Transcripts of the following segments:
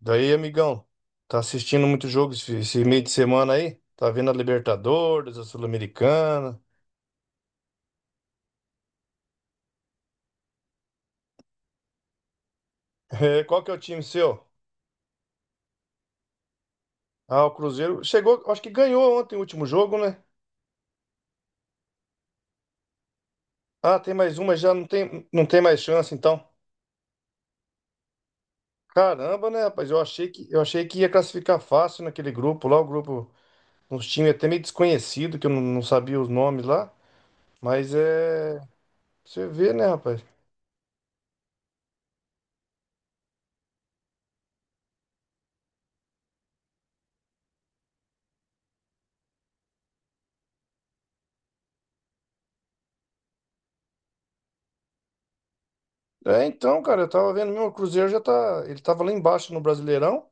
Daí, amigão, tá assistindo muito jogo esse, esse meio de semana aí? Tá vendo a Libertadores, a Sul-Americana? É, qual que é o time seu? Ah, o Cruzeiro chegou, acho que ganhou ontem o último jogo, né? Ah, tem mais uma, já não tem, não tem mais chance, então. Caramba, né, rapaz? Eu achei que ia classificar fácil naquele grupo lá, uns times até meio desconhecido, que eu não, não sabia os nomes lá. Mas é. Você vê, né, rapaz? É, então, cara, eu tava vendo mesmo, o Cruzeiro já tá. Ele tava lá embaixo no Brasileirão.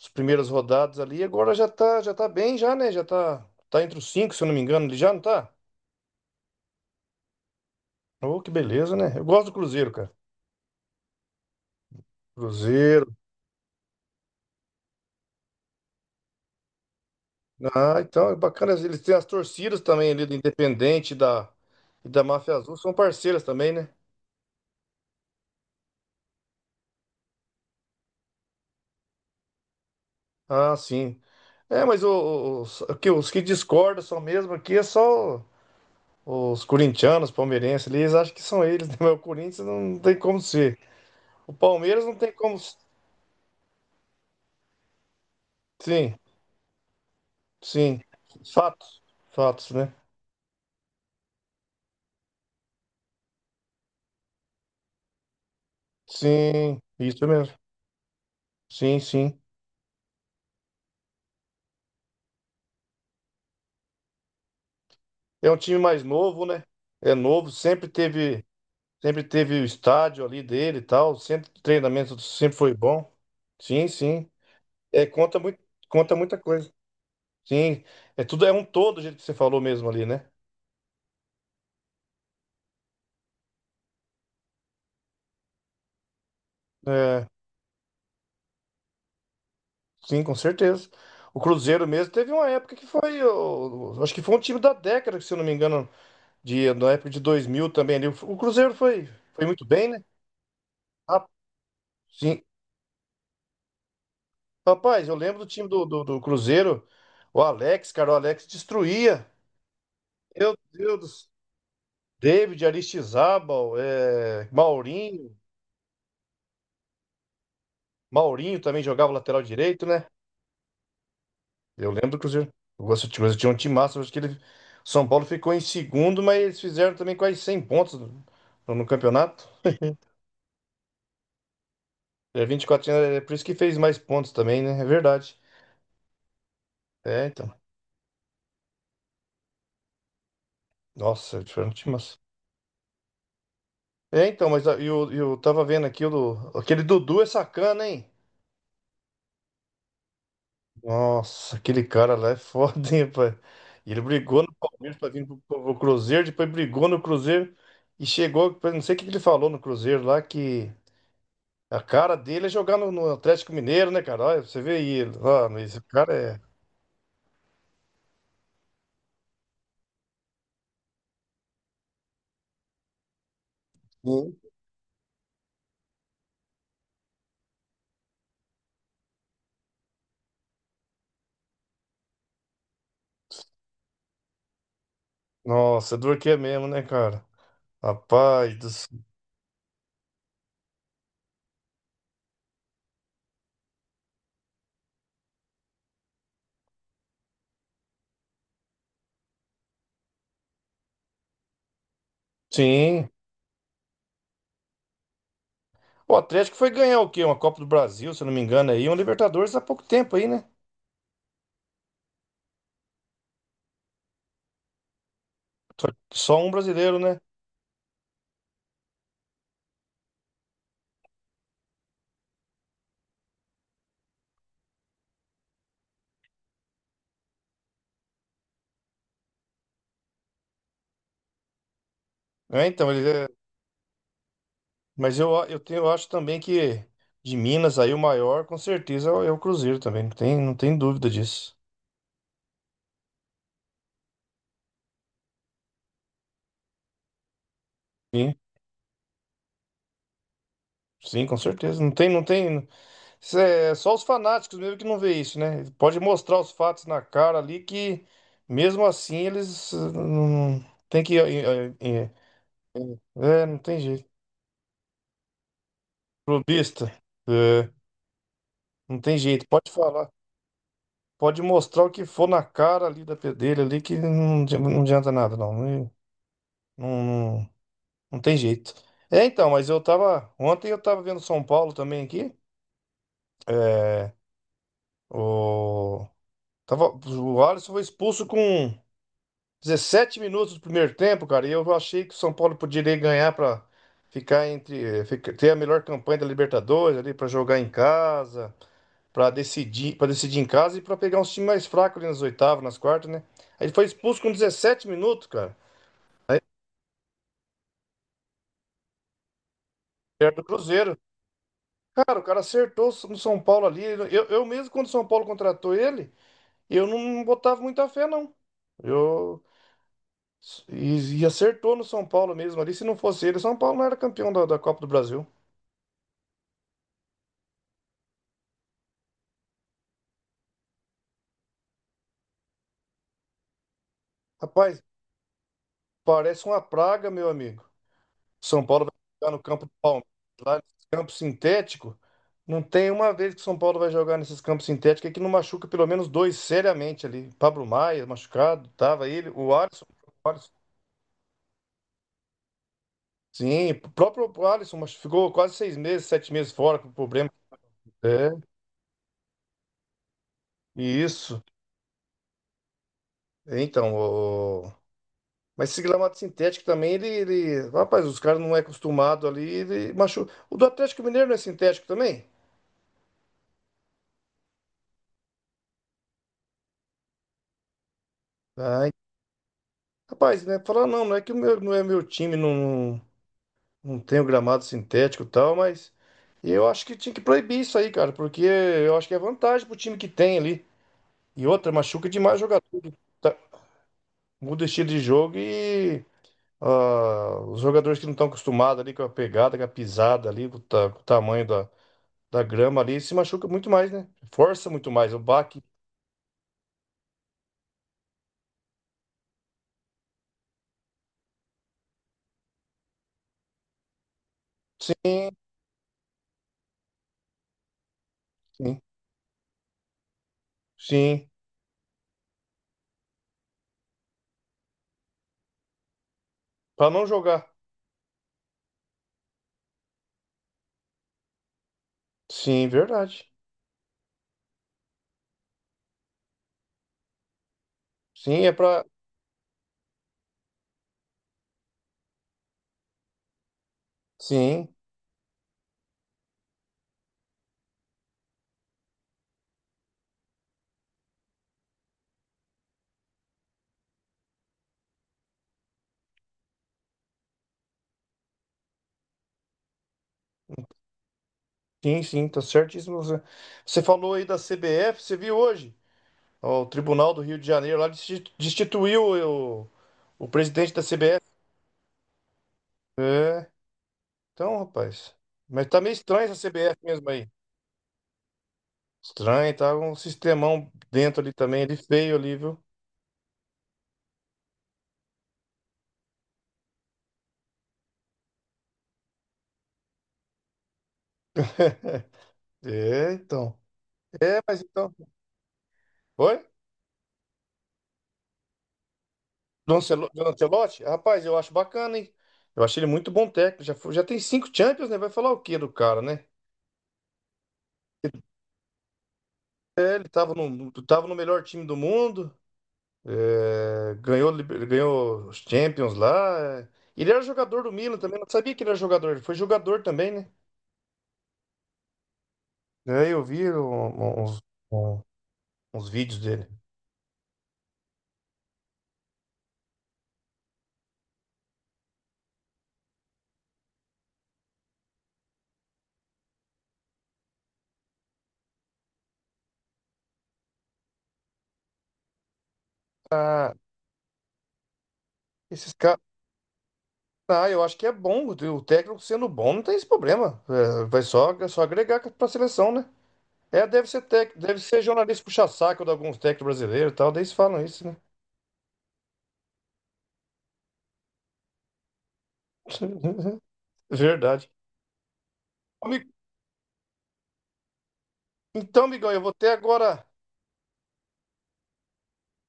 As primeiras rodadas ali. Agora já tá bem, já, né? Tá entre os cinco, se eu não me engano, ele já não tá? Oh, que beleza, né? Eu gosto do Cruzeiro, cara. Cruzeiro. Ah, então é bacana. Eles têm as torcidas também ali do Independente e da Máfia Azul, são parceiras também, né? Ah, sim. É, mas os que discordam são mesmo aqui é só os corintianos, palmeirenses ali, eles acham que são eles, né? Mas o Corinthians não tem como ser. O Palmeiras não tem como. Sim. Sim, fatos, fatos, né? Sim, isso mesmo. Sim, sim. É um time mais novo, né? É novo, sempre teve, sempre teve o estádio ali dele e tal, sempre o treinamento sempre foi bom. Sim, sim. É, conta muito, conta muita coisa. Sim, é tudo é um todo, do jeito que você falou mesmo ali, né? É, sim, com certeza. O Cruzeiro mesmo teve uma época que foi, acho que foi um time da década, se eu não me engano, de na época de 2000 também ali. O Cruzeiro foi, foi muito bem, né? Sim. Rapaz, eu lembro do time do Cruzeiro, o Alex, cara, o Alex destruía. Meu Deus do céu. David, Aristizábal, é, Maurinho. Maurinho também jogava lateral direito, né? Eu lembro do Cruzeiro. Eu gosto de Cruzeiro, tinha um time massa, acho que ele, São Paulo ficou em segundo, mas eles fizeram também quase 100 pontos no, no campeonato. É 24, é por isso que fez mais pontos também, né? É verdade. É, então. Nossa, foi um time massa. É, então, mas eu tava vendo aqui aquele Dudu é sacana, hein? Nossa, aquele cara lá é foda, hein, pai? Ele brigou no Palmeiras pra vir pro Cruzeiro, depois brigou no Cruzeiro e chegou. Eu não sei o que que ele falou no Cruzeiro lá, que a cara dele é jogar no, no Atlético Mineiro, né, cara? Olha, você vê ele. Ah, mas esse cara é. Sim. Nossa, é dor que é mesmo, né, cara? Rapaz do... c- Sim. O Atlético foi ganhar o quê? Uma Copa do Brasil, se eu não me engano, aí, um Libertadores há pouco tempo aí, né? Só só um brasileiro, né? É, então, ele é. Mas eu acho também que de Minas aí o maior, com certeza, é o é o Cruzeiro também. Não tem, não tem dúvida disso. Sim, sim, com certeza. Não tem, não tem. Isso é só os fanáticos mesmo que não vê isso, né? Pode mostrar os fatos na cara ali que mesmo assim eles não tem que. É, não tem jeito. Clubista, é, não tem jeito. Pode falar. Pode mostrar o que for na cara ali da dele ali que não, não adianta nada, não. Não, Não tem jeito. É, então, mas eu tava. Ontem eu tava vendo São Paulo também aqui. É, o, tava, o Alisson foi expulso com 17 minutos do primeiro tempo, cara. E eu achei que o São Paulo poderia ganhar pra ficar entre. Ter a melhor campanha da Libertadores ali, pra jogar em casa, para decidir em casa e pra pegar uns times mais fracos ali nas oitavas, nas quartas, né? Aí ele foi expulso com 17 minutos, cara. Aí, perto do Cruzeiro. Cara, o cara acertou no São Paulo ali. Eu mesmo, quando o São Paulo contratou ele, eu não botava muita fé, não. Eu, e acertou no São Paulo mesmo ali. Se não fosse ele, o São Paulo não era campeão da, da Copa do Brasil. Rapaz, parece uma praga, meu amigo. São Paulo vai jogar no campo do Palmeiras, lá nesse campo sintético. Não tem uma vez que o São Paulo vai jogar nesses campos sintéticos é que não machuca pelo menos dois seriamente ali. Pablo Maia machucado, tava ele, o Alisson. Sim, o próprio Alisson mas ficou quase 6 meses, 7 meses fora com problema. É, isso. Então, o... mas esse gramado sintético também, Rapaz, os caras não é acostumado ali, ele machu... O do Atlético Mineiro não é sintético também? Ah, en- rapaz, né? Falar, não, não é que o meu, não é meu time, não, não tem o gramado sintético e tal, mas eu acho que tinha que proibir isso aí, cara, porque eu acho que é vantagem pro time que tem ali. E outra, machuca demais o jogador. Tá- Muda o estilo de jogo e ah, os jogadores que não estão acostumados ali com a pegada, com a pisada ali, com o tamanho da, da grama ali, se machuca muito mais, né? Força muito mais. O baque. Sim, sim, sim. Pra não jogar. Sim, verdade. Sim, é pra. Sim, sim, tá certíssimo. Você falou aí da CBF, você viu hoje? Ó, o Tribunal do Rio de Janeiro lá destituiu o presidente da CBF. É, então, rapaz. Mas tá meio estranho essa CBF mesmo aí. Estranho, tá um sistemão dentro ali também, ele feio ali, viu? É, então. É, mas então. Oi? Do Ancelotti? Rapaz, eu acho bacana, hein? Eu achei ele muito bom técnico. Já tem 5 Champions, né? Vai falar o quê do cara, né? É, ele tava tava no melhor time do mundo, é, ganhou, ganhou os Champions lá. É. Ele era jogador do Milan também, não sabia que ele era jogador, ele foi jogador também, né? É, eu vi um- uns, um- uns vídeos dele. Ah, esses caras. Ah, eu acho que é bom. O técnico sendo bom não tem esse problema. É, vai só, é só agregar pra seleção, né? É, deve ser tec... deve ser jornalista puxa-saco de alguns técnicos brasileiros e tal. Daí eles falam isso, né? Verdade. Ami- Então, amigão, eu vou ter agora.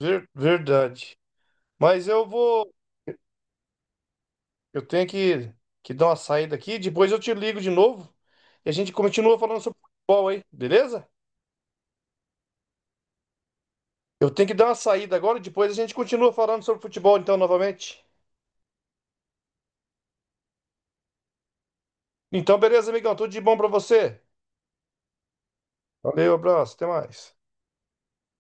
Ver- Verdade. Mas eu vou. Eu tenho que dar uma saída aqui. Depois eu te ligo de novo e a gente continua falando sobre futebol aí, beleza? Eu tenho que dar uma saída agora e depois a gente continua falando sobre futebol, então, novamente. Então, beleza, amigão? Tudo de bom pra você. Valeu, abraço, até mais.